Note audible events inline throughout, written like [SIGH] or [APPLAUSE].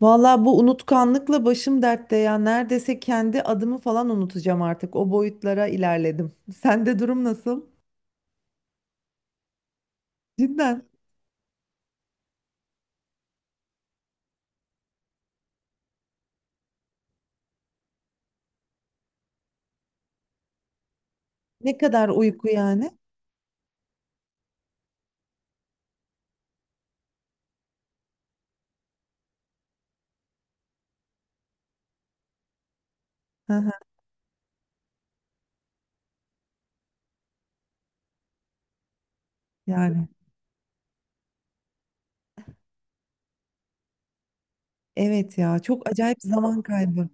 Valla bu unutkanlıkla başım dertte ya. Neredeyse kendi adımı falan unutacağım artık. O boyutlara ilerledim. [LAUGHS] Sende durum nasıl? Cidden. Ne kadar uyku yani? Hı hı. Yani. Evet ya. Çok acayip zaman kaybı.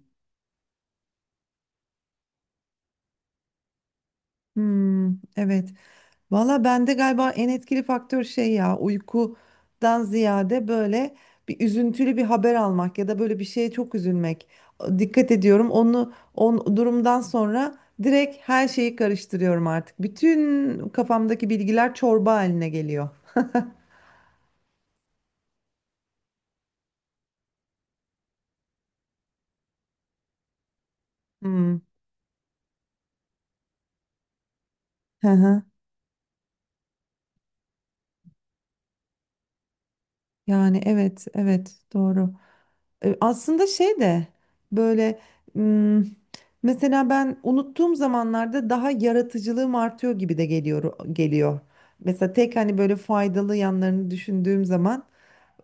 Hmm, evet. Valla bende galiba en etkili faktör şey ya uykudan ziyade böyle bir üzüntülü bir haber almak ya da böyle bir şeye çok üzülmek. Dikkat ediyorum onu on durumdan sonra direkt her şeyi karıştırıyorum artık. Bütün kafamdaki bilgiler çorba haline geliyor. Hmm. Hı hı. Yani evet evet doğru. Aslında şey de böyle m, mesela ben unuttuğum zamanlarda daha yaratıcılığım artıyor gibi de geliyor. Mesela tek hani böyle faydalı yanlarını düşündüğüm zaman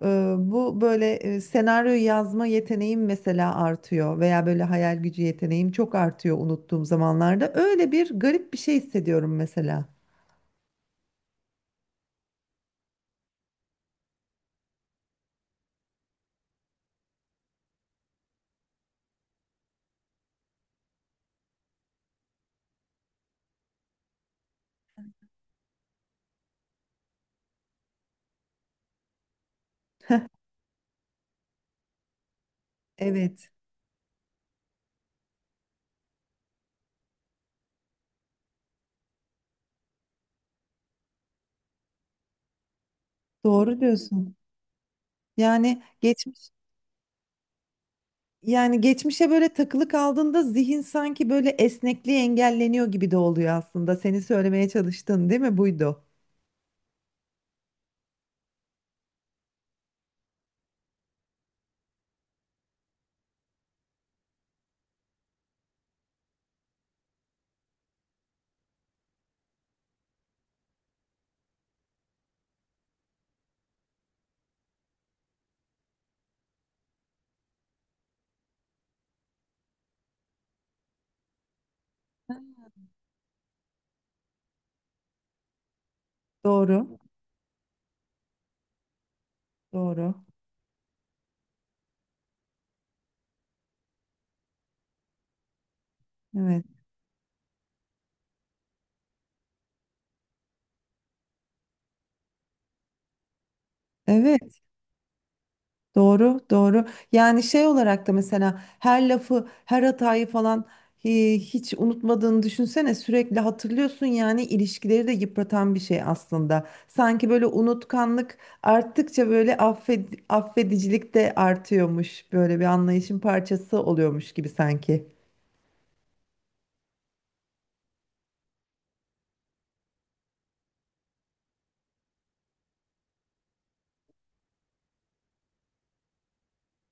e, bu böyle senaryo yazma yeteneğim mesela artıyor veya böyle hayal gücü yeteneğim çok artıyor unuttuğum zamanlarda. Öyle bir garip bir şey hissediyorum mesela. Evet, doğru diyorsun. Yani geçmiş Yani geçmişe böyle takılı kaldığında zihin sanki böyle esnekliği engelleniyor gibi de oluyor aslında. Seni söylemeye çalıştın değil mi? Buydu. Doğru. Doğru. Evet. Evet. Doğru. Doğru. Yani şey olarak da mesela her lafı, her hatayı falan hiç unutmadığını düşünsene. Sürekli hatırlıyorsun yani ilişkileri de yıpratan bir şey aslında. Sanki böyle unutkanlık arttıkça böyle affedicilik de artıyormuş. Böyle bir anlayışın parçası oluyormuş gibi sanki.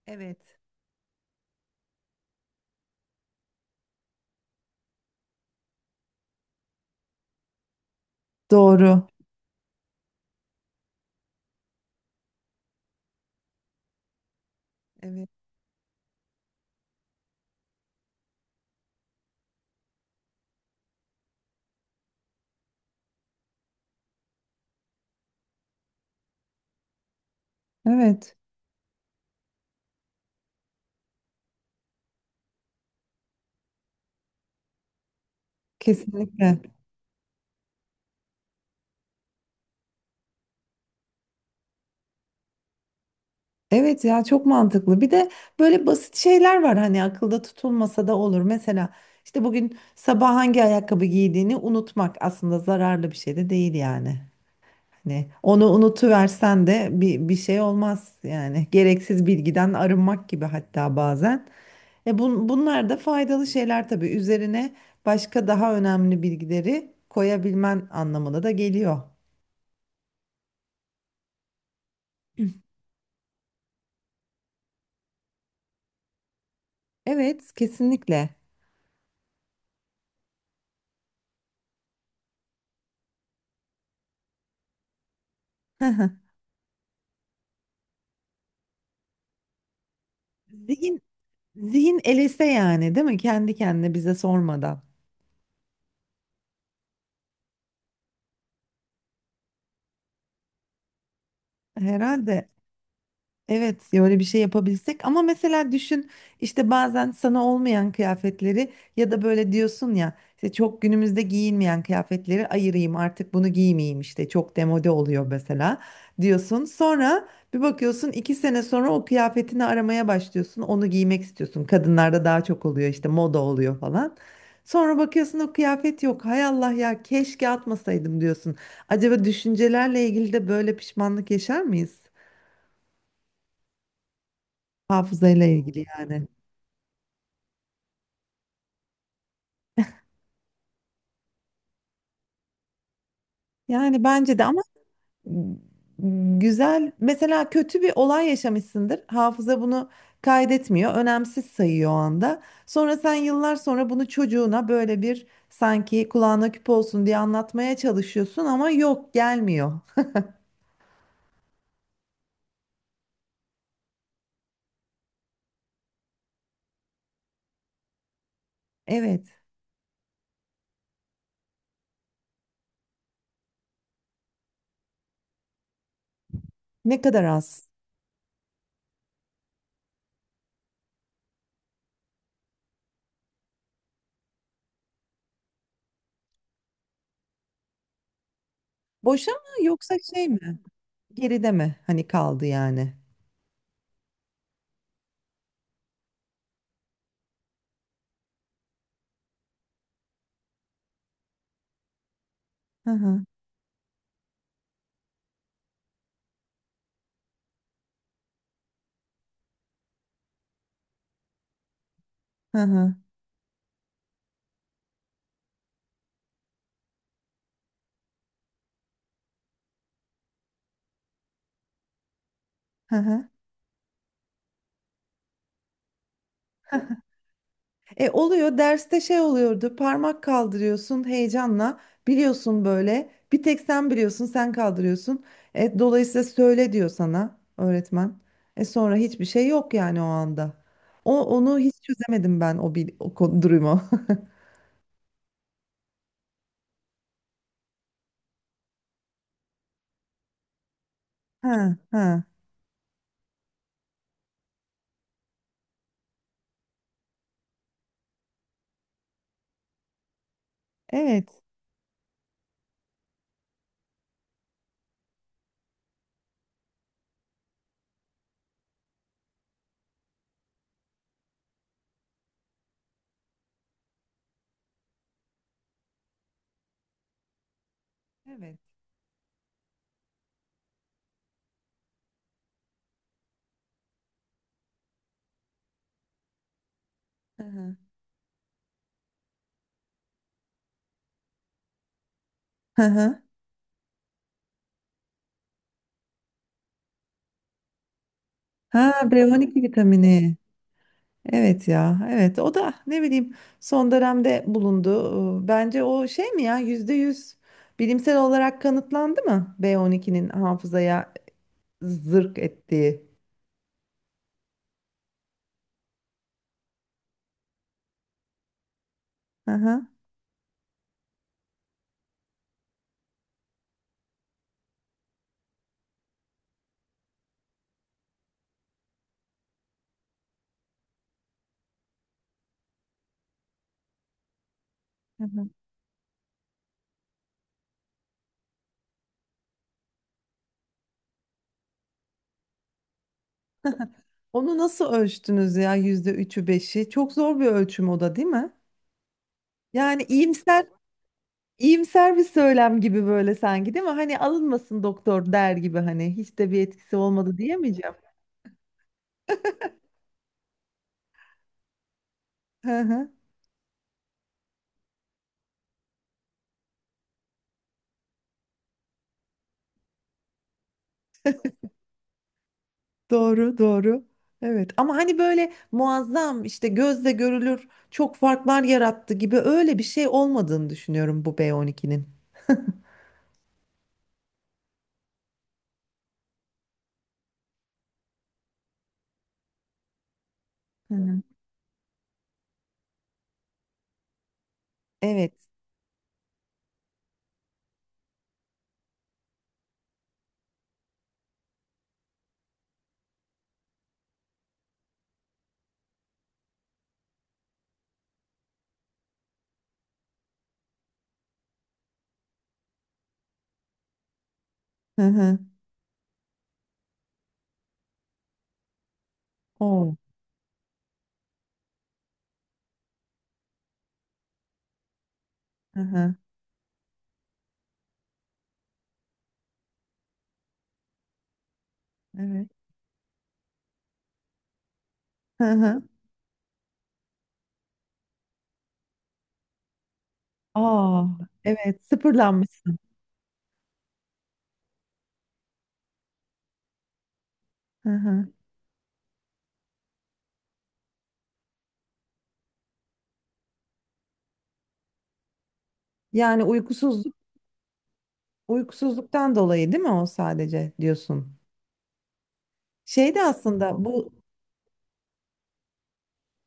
Evet. Doğru. Evet. Evet, kesinlikle. Evet ya çok mantıklı. Bir de böyle basit şeyler var hani akılda tutulmasa da olur. Mesela işte bugün sabah hangi ayakkabı giydiğini unutmak aslında zararlı bir şey de değil yani. Hani onu unutuversen de bir şey olmaz yani. Gereksiz bilgiden arınmak gibi hatta bazen. Bunlar da faydalı şeyler tabii. Üzerine başka daha önemli bilgileri koyabilmen anlamına da geliyor. Evet, kesinlikle. Hı hı. Zihin, zihin elese yani, değil mi? Kendi kendine bize sormadan. Herhalde. Evet, ya öyle bir şey yapabilsek ama mesela düşün işte bazen sana olmayan kıyafetleri ya da böyle diyorsun ya işte çok günümüzde giyinmeyen kıyafetleri ayırayım artık bunu giymeyeyim işte çok demode oluyor mesela diyorsun. Sonra bir bakıyorsun iki sene sonra o kıyafetini aramaya başlıyorsun onu giymek istiyorsun kadınlarda daha çok oluyor işte moda oluyor falan. Sonra bakıyorsun o kıyafet yok hay Allah ya keşke atmasaydım diyorsun. Acaba düşüncelerle ilgili de böyle pişmanlık yaşar mıyız? Hafızayla ilgili yani. Yani bence de ama m, güzel mesela kötü bir olay yaşamışsındır. Hafıza bunu kaydetmiyor. Önemsiz sayıyor o anda. Sonra sen yıllar sonra bunu çocuğuna böyle bir sanki kulağına küpe olsun diye anlatmaya çalışıyorsun ama yok gelmiyor. Evet. Ne kadar az. Boşa mı yoksa şey mi? Geride mi? Hani kaldı yani. Hı hı. Hı hı. Hı hı. Oluyor derste şey oluyordu parmak kaldırıyorsun heyecanla biliyorsun böyle bir tek sen biliyorsun sen kaldırıyorsun. Dolayısıyla söyle diyor sana öğretmen. Sonra hiçbir şey yok yani o anda. O onu hiç çözemedim ben o durumu. [LAUGHS] Ha ha evet. Evet. Hı hı. Hı hı. Ha B12 vitamini. Evet ya, evet. O da ne bileyim son dönemde bulundu. Bence o şey mi ya %100 bilimsel olarak kanıtlandı mı B12'nin hafızaya zırk ettiği? Hı hı. Hı hı. Onu nasıl ölçtünüz ya yüzde üçü beşi? Çok zor bir ölçüm o da değil mi? Yani iyimser bir söylem gibi böyle sanki değil mi? Hani alınmasın doktor der gibi hani hiç de bir etkisi olmadı diyemeyeceğim. [LAUGHS] Doğru, doğru. Evet ama hani böyle muazzam işte gözle görülür çok farklar yarattı gibi öyle bir şey olmadığını düşünüyorum bu B12'nin. Hı hı. Evet. Hı hı. O. Hı hı. Evet. Hı hı. Aa, evet sıfırlanmışsın. Hı hı. Yani uykusuzluktan dolayı değil mi o sadece diyorsun. Şey de aslında bu.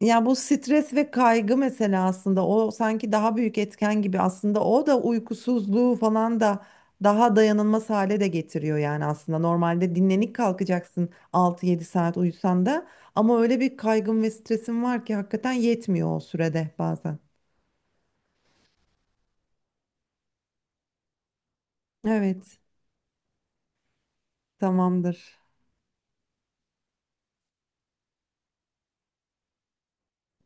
Ya bu stres ve kaygı mesela aslında o sanki daha büyük etken gibi aslında o da uykusuzluğu falan da daha dayanılmaz hale de getiriyor yani aslında normalde dinlenik kalkacaksın 6-7 saat uyusan da ama öyle bir kaygın ve stresin var ki hakikaten yetmiyor o sürede bazen. Evet, tamamdır.